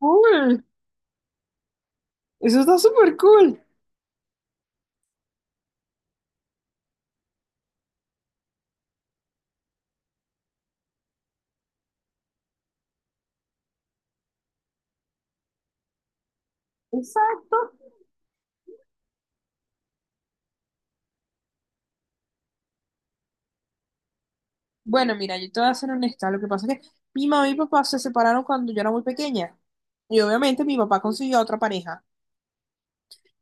Cool. Eso está súper cool. Exacto. Bueno, mira, yo te voy a ser honesta. Lo que pasa es que mi mamá y mi papá se separaron cuando yo era muy pequeña. Y obviamente mi papá consiguió a otra pareja.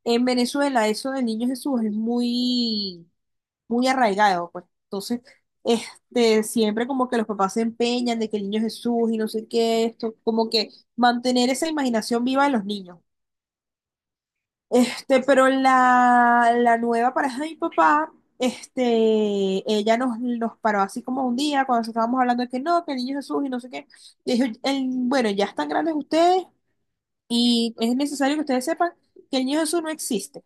En Venezuela eso del Niño Jesús es muy, muy arraigado, pues. Entonces, siempre como que los papás se empeñan de que el Niño Jesús y no sé qué, esto, como que mantener esa imaginación viva de los niños. Pero la nueva pareja de mi papá, este, ella nos paró así como un día cuando estábamos hablando de que no, que el Niño Jesús y no sé qué. Y dijo, bueno, ya están grandes ustedes y es necesario que ustedes sepan que el Niño Jesús no existe.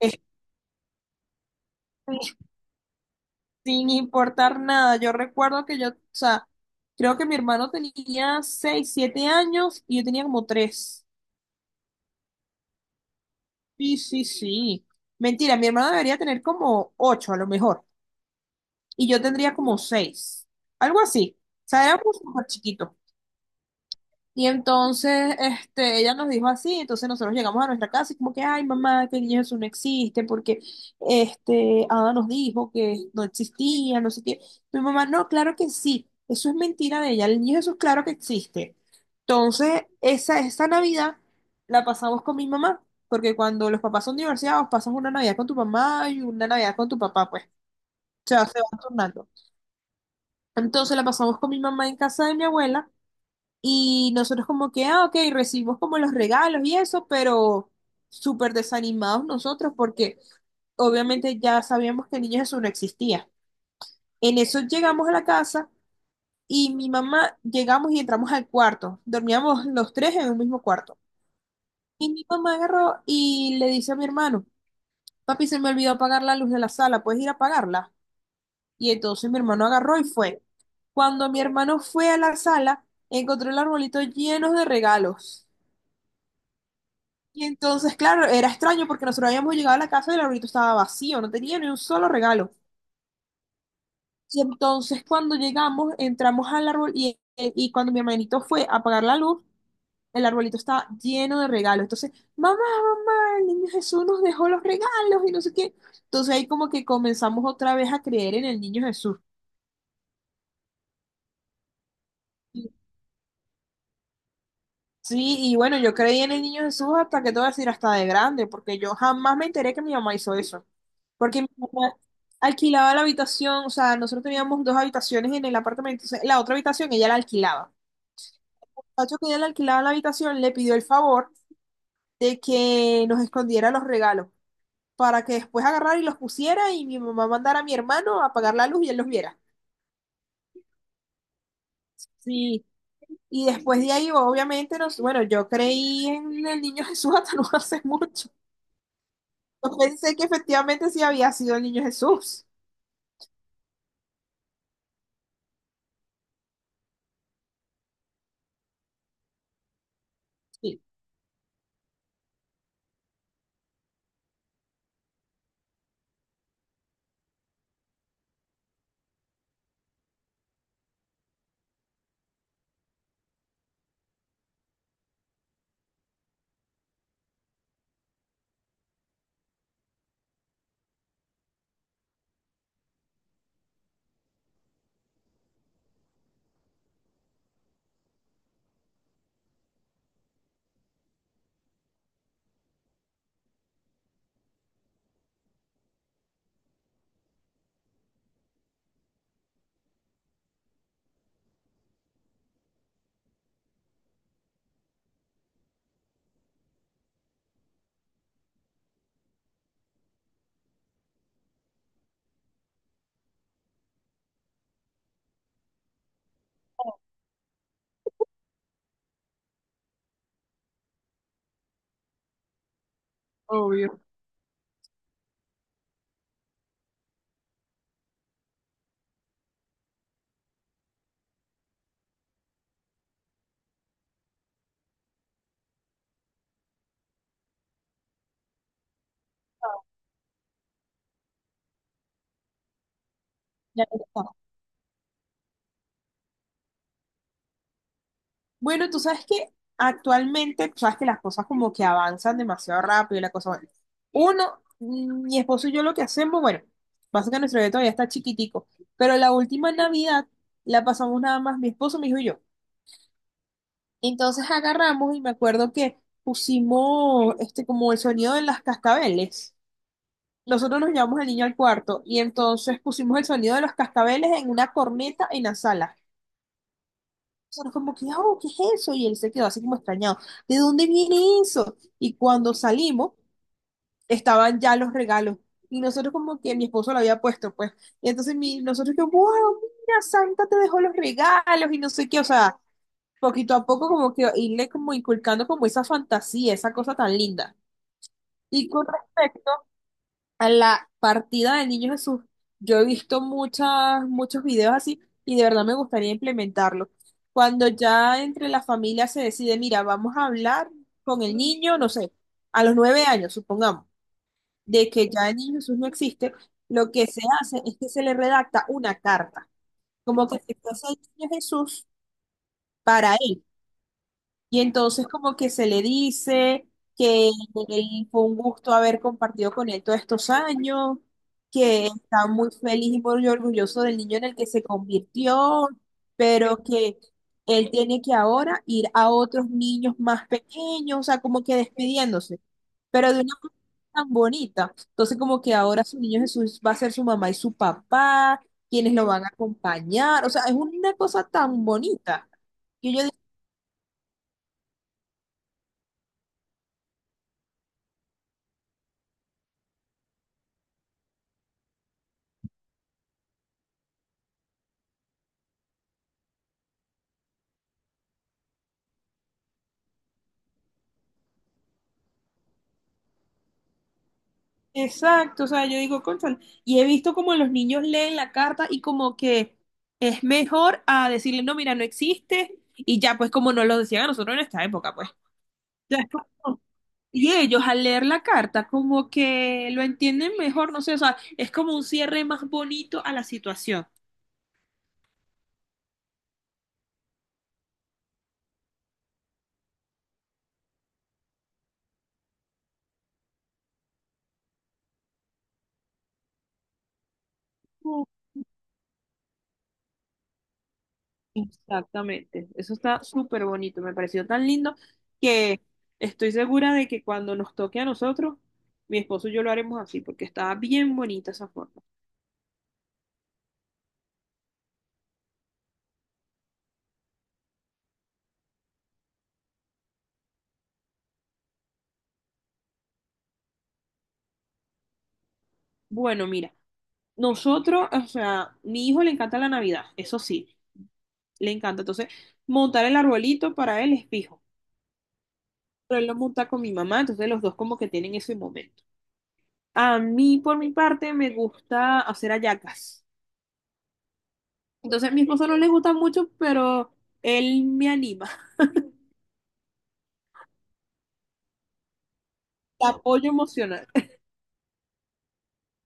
Este, sin importar nada. Yo recuerdo que yo, o sea, creo que mi hermano tenía 6, 7 años y yo tenía como 3. Sí, sí, sí. Mentira, mi hermano debería tener como 8 a lo mejor y yo tendría como 6. Algo así. O sea, éramos súper chiquitos. Y entonces, ella nos dijo así, entonces nosotros llegamos a nuestra casa y como que, ay, mamá, que el niño Jesús no existe, porque, Ada nos dijo que no existía, no sé qué. Mi mamá, no, claro que sí, eso es mentira de ella, el niño Jesús claro que existe. Entonces, esa Navidad la pasamos con mi mamá, porque cuando los papás son divorciados, pasas una Navidad con tu mamá y una Navidad con tu papá, pues, o sea, se van turnando. Entonces la pasamos con mi mamá en casa de mi abuela. Y nosotros como que, ah, ok, recibimos como los regalos y eso, pero súper desanimados nosotros porque obviamente ya sabíamos que el niño Jesús no existía. En eso llegamos a la casa y mi mamá, llegamos y entramos al cuarto. Dormíamos los tres en un mismo cuarto. Y mi mamá agarró y le dice a mi hermano, papi, se me olvidó apagar la luz de la sala, ¿puedes ir a apagarla? Y entonces mi hermano agarró y fue. Cuando mi hermano fue a la sala, encontró el arbolito lleno de regalos. Y entonces, claro, era extraño porque nosotros habíamos llegado a la casa y el arbolito estaba vacío, no tenía ni un solo regalo. Y entonces cuando llegamos, entramos al árbol y cuando mi hermanito fue a apagar la luz, el arbolito estaba lleno de regalos. Entonces, mamá, mamá, el niño Jesús nos dejó los regalos y no sé qué. Entonces ahí como que comenzamos otra vez a creer en el niño Jesús. Sí, y bueno, yo creí en el niño Jesús hasta que te voy a decir hasta de grande, porque yo jamás me enteré que mi mamá hizo eso. Porque mi mamá alquilaba la habitación, o sea, nosotros teníamos dos habitaciones en el apartamento, entonces la otra habitación ella la alquilaba. El muchacho que ella le alquilaba la habitación le pidió el favor de que nos escondiera los regalos para que después agarrara y los pusiera y mi mamá mandara a mi hermano a apagar la luz y él los viera. Sí. Y después de ahí, obviamente, bueno, yo creí en el niño Jesús hasta no hace mucho. Yo pensé que efectivamente sí había sido el niño Jesús. Sí, obvio. Ya está. Bueno, tú sabes que actualmente, tú sabes que las cosas como que avanzan demasiado rápido y la cosa, bueno. Uno, mi esposo y yo lo que hacemos, bueno, pasa que nuestro bebé todavía está chiquitico, pero la última Navidad la pasamos nada más mi esposo, mi hijo y yo. Entonces agarramos y me acuerdo que pusimos como el sonido de las cascabeles. Nosotros nos llevamos al niño al cuarto y entonces pusimos el sonido de los cascabeles en una corneta en la sala. Nosotros como que, oh, ¿qué es eso? Y él se quedó así como extrañado. ¿De dónde viene eso? Y cuando salimos, estaban ya los regalos. Y nosotros como que mi esposo lo había puesto, pues. Y entonces nosotros que, wow, mira, Santa te dejó los regalos y no sé qué. O sea, poquito a poco como que irle como inculcando como esa fantasía, esa cosa tan linda. Y con respecto a la partida del Niño Jesús. Yo he visto muchas, muchos videos así y de verdad me gustaría implementarlo. Cuando ya entre la familia se decide, mira, vamos a hablar con el niño, no sé, a los 9 años, supongamos, de que ya el Niño Jesús no existe, lo que se hace es que se le redacta una carta, como que si fuese el Niño Jesús para él. Y entonces como que se le dice que fue un gusto haber compartido con él todos estos años, que está muy feliz y muy orgulloso del niño en el que se convirtió, pero que él tiene que ahora ir a otros niños más pequeños, o sea, como que despidiéndose, pero de una manera tan bonita. Entonces como que ahora su niño Jesús va a ser su mamá y su papá, quienes lo van a acompañar, o sea, es una cosa tan bonita. Que yo Exacto, o sea, yo digo, cónchale, y he visto como los niños leen la carta y como que es mejor a decirle, no, mira, no existe, y ya pues como nos lo decían a nosotros en esta época, pues. Ya es como- Y ellos al leer la carta como que lo entienden mejor, no sé, o sea, es como un cierre más bonito a la situación. Mm. Exactamente, eso está súper bonito, me pareció tan lindo que estoy segura de que cuando nos toque a nosotros, mi esposo y yo lo haremos así, porque está bien bonita esa forma. Bueno, mira, nosotros, o sea, mi hijo le encanta la Navidad, eso sí, le encanta. Entonces, montar el arbolito para él es fijo. Pero él lo monta con mi mamá, entonces los dos como que tienen ese momento. A mí, por mi parte, me gusta hacer hallacas. Entonces, a mi esposo no le gusta mucho, pero él me anima, apoyo emocional.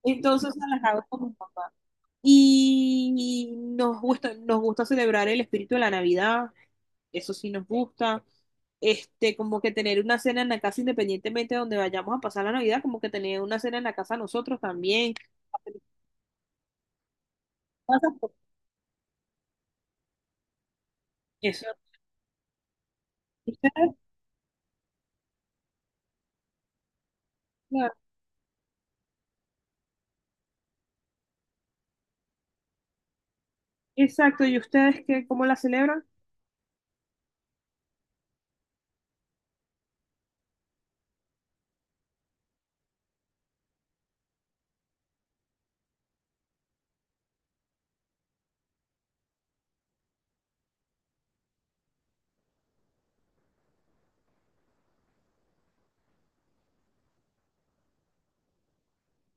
Entonces, se las hago con mi papá. Y nos gusta celebrar el espíritu de la Navidad. Eso sí nos gusta. Este, como que tener una cena en la casa independientemente de donde vayamos a pasar la Navidad, como que tener una cena en la casa nosotros también. Eso. Claro, exacto. ¿Y ustedes qué, cómo la celebran?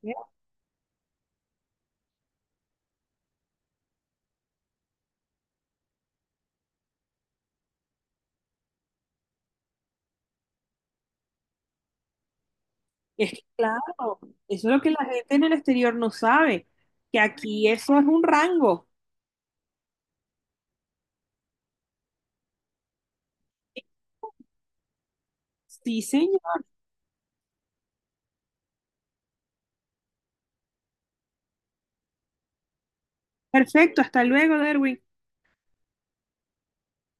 Bien. Es que, claro, eso es lo que la gente en el exterior no sabe, que aquí eso es un rango. Sí, señor. Perfecto, hasta luego, Derwin.